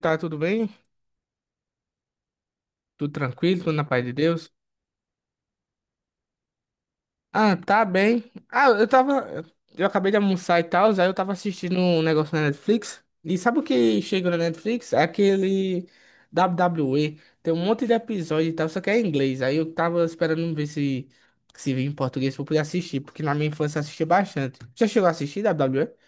Tá tudo bem? Tudo tranquilo? Tudo na paz de Deus? Ah, tá bem. Ah, eu tava. Eu acabei de almoçar e tal, aí eu tava assistindo um negócio na Netflix. E sabe o que chega na Netflix? É aquele WWE. Tem um monte de episódio e tal, só que é em inglês. Aí eu tava esperando ver se vinha em português pra eu poder assistir, porque na minha infância eu assistia bastante. Já chegou a assistir WWE?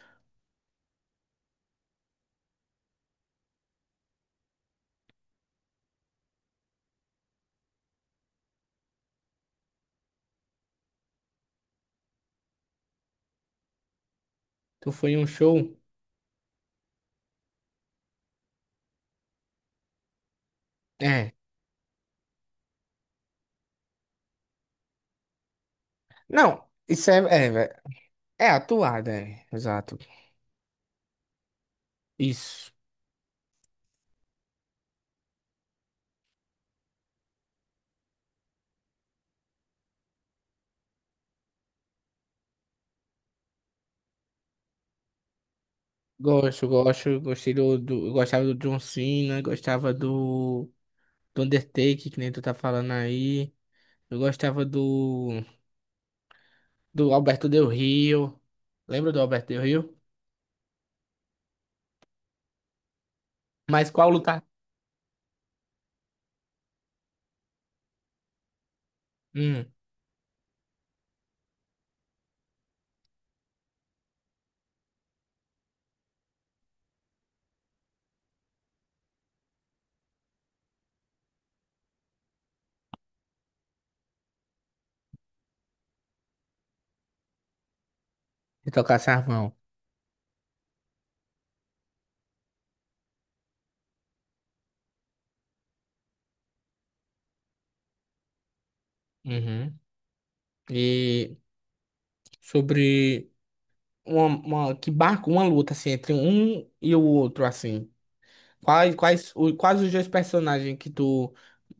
Tu foi em um show? É. Não, isso é. É, é atuada, é. Exato. Isso. Gosto, gosto, eu gostava do John Cena, do Undertaker, que nem tu tá falando aí. Eu gostava do, do Alberto Del Rio. Lembra do Alberto Del Rio? Mas qual lutar? Hum, de tocar sarmão. Uhum. E sobre uma- que barco uma luta assim entre um e o outro assim. Quais os dois personagens que tu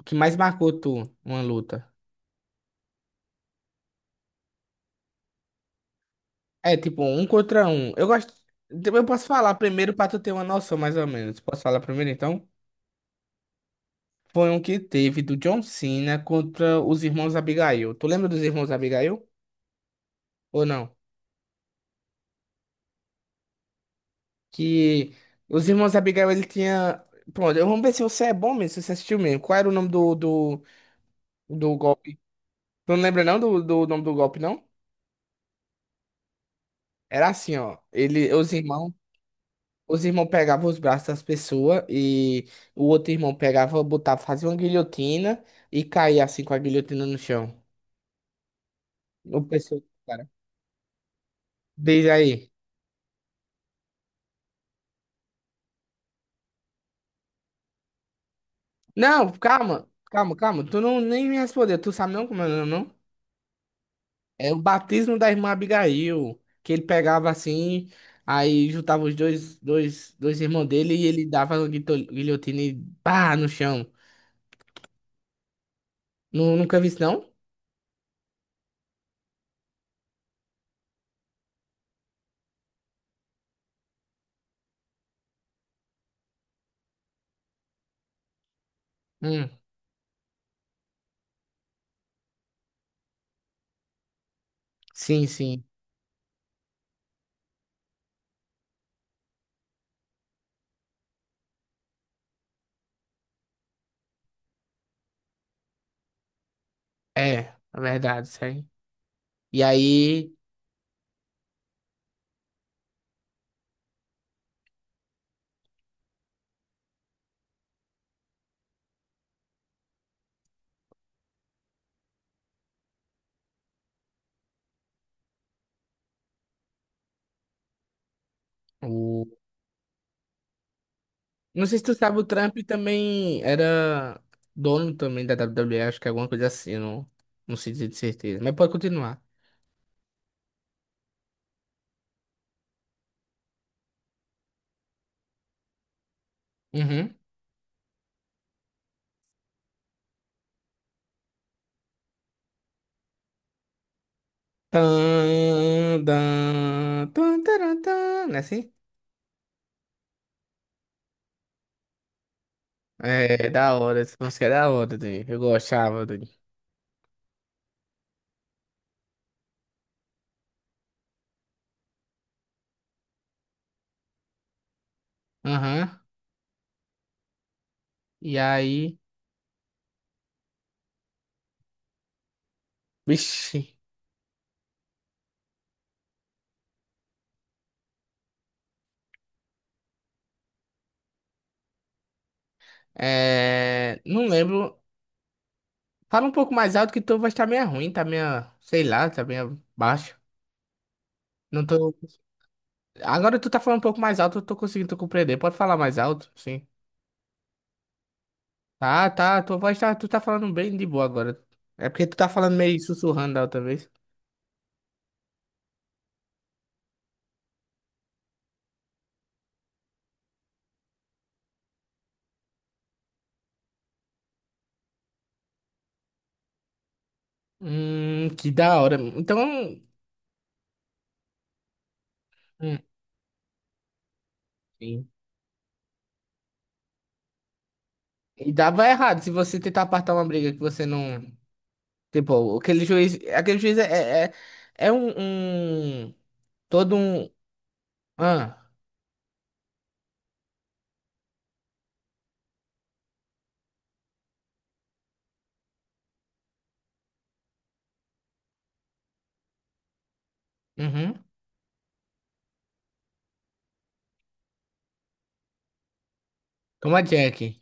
que mais marcou tu uma luta? É tipo um contra um. Eu gosto. Eu posso falar primeiro pra tu ter uma noção, mais ou menos. Posso falar primeiro então? Foi um que teve do John Cena contra os irmãos Abigail. Tu lembra dos irmãos Abigail? Ou não? Que os irmãos Abigail ele tinha. Pronto, vamos ver se você é bom mesmo, se você assistiu mesmo. Qual era o nome do golpe? Tu não lembra não do nome do golpe, não? Era assim, ó. Ele, os irmãos. Os irmãos pegavam os braços das pessoas e o outro irmão pegava, botava, fazia uma guilhotina e caía assim com a guilhotina no chão. O pessoal, cara. Diz aí. Não, calma, calma, calma. Tu não nem me respondeu. Tu sabe não como é o nome, não? É o batismo da irmã Abigail, que ele pegava assim, aí juntava os dois, dois irmãos dele e ele dava uma guilhotina e pá no chão. Nunca vi isso, não? Hum, sim, sim. É, é verdade, isso aí. E aí. O... Não sei se tu sabe, o Trump também era dono também da WWE, acho que é alguma coisa assim, não, não sei dizer de certeza. Mas pode continuar. Uhum. Tan, dan, tan, taran, tan, não é assim? É, é da hora, essa música é da hora, Dani. Eu gostava, Dani. Aham. E aí, vixi, não lembro. Fala um pouco mais alto que tu vai estar meio ruim, tá meio, sei lá, tá meio baixo. Não tô. Agora tu tá falando um pouco mais alto, eu tô conseguindo compreender. Pode falar mais alto, sim. Tá, tá, tua voz tá, tu tá falando bem de boa agora. É porque tu tá falando meio sussurrando da outra vez. Que da hora. Então, hum, sim. E dava errado se você tentar apartar uma briga que você não. Tipo, aquele juiz é um- todo um, ah, uhum, como a Jack.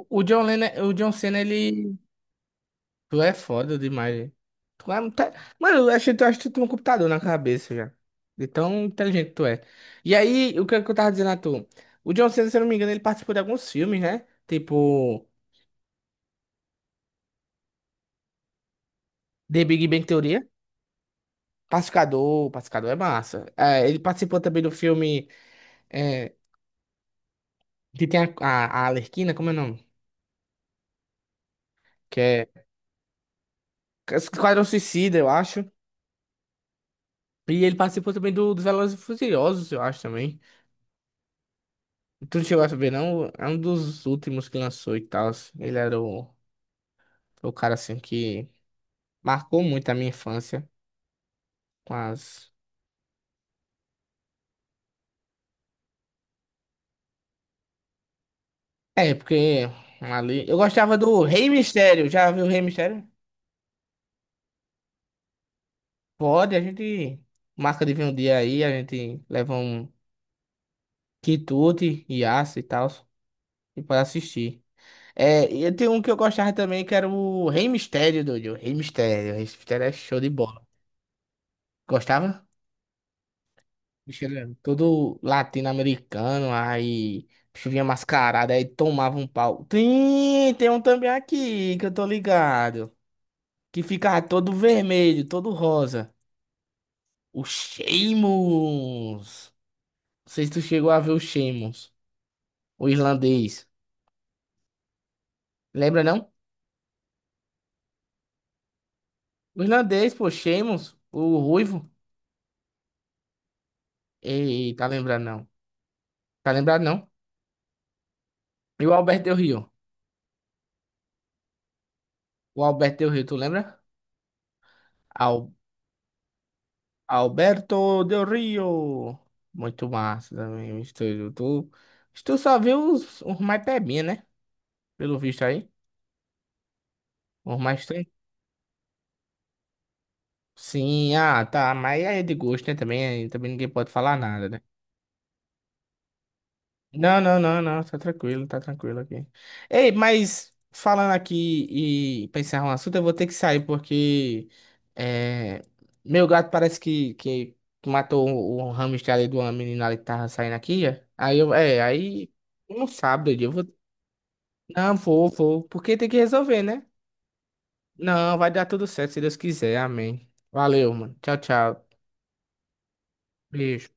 O o John Cena, ele. Tu é foda demais, hein? Tu é, muito- Mano, eu achei, tu acho que tu tem um computador na cabeça já. De tão inteligente que tu é. E aí, é que eu tava dizendo a tu? O John Cena, se eu não me engano, ele participou de alguns filmes, né? Tipo, The Big Bang Theory. Pacificador, Pacificador é massa. É, ele participou também do filme é, que tem a Arlequina, como é o nome? Que é Esquadrão Suicida, eu acho. E ele participou também dos Velozes e Furiosos, eu acho também. Tu não chegou a saber, não? É um dos últimos que lançou e tal. Ele era o cara assim que marcou muito a minha infância. Mas. É, porque ali. Eu gostava do Rei Mistério. Já viu o Rei Mistério? Pode, a gente marca de vir um dia aí, a gente leva um quitute e aço e tal. E para assistir. É, e tem um que eu gostava também, que era o Rei Mistério, doido. Rei Mistério. Rei Mistério é show de bola. Gostava? Bicho era todo latino-americano, aí o bicho vinha mascarado, aí tomava um pau. Tem, tem um também aqui que eu tô ligado, que ficava todo vermelho, todo rosa. O Sheamus. Não sei se tu chegou a ver o Sheamus, o irlandês. Lembra não? O irlandês, pô, Sheamus, o ruivo. Ei, tá lembrado não. Tá lembrado não? E o Alberto Del Rio. O Alberto Del Rio, tu lembra? Alberto Del Rio. Muito massa também o estúdio. Tu, tu só viu os mais pebinha, né? Pelo visto aí. Os mais tem. Sim, ah, tá. Mas aí é de gosto, né? Também, também ninguém pode falar nada, né? Não, não, não, não, tá tranquilo aqui. Ei, mas falando aqui e pra encerrar um assunto, eu vou ter que sair porque é, meu gato parece que matou o hamster ali de uma menina ali que tava saindo aqui. É. Aí eu, é, aí não sabe, eu vou. Não, vou, vou, porque tem que resolver, né? Não, vai dar tudo certo se Deus quiser, amém. Valeu, mano. Tchau, tchau. Beijo.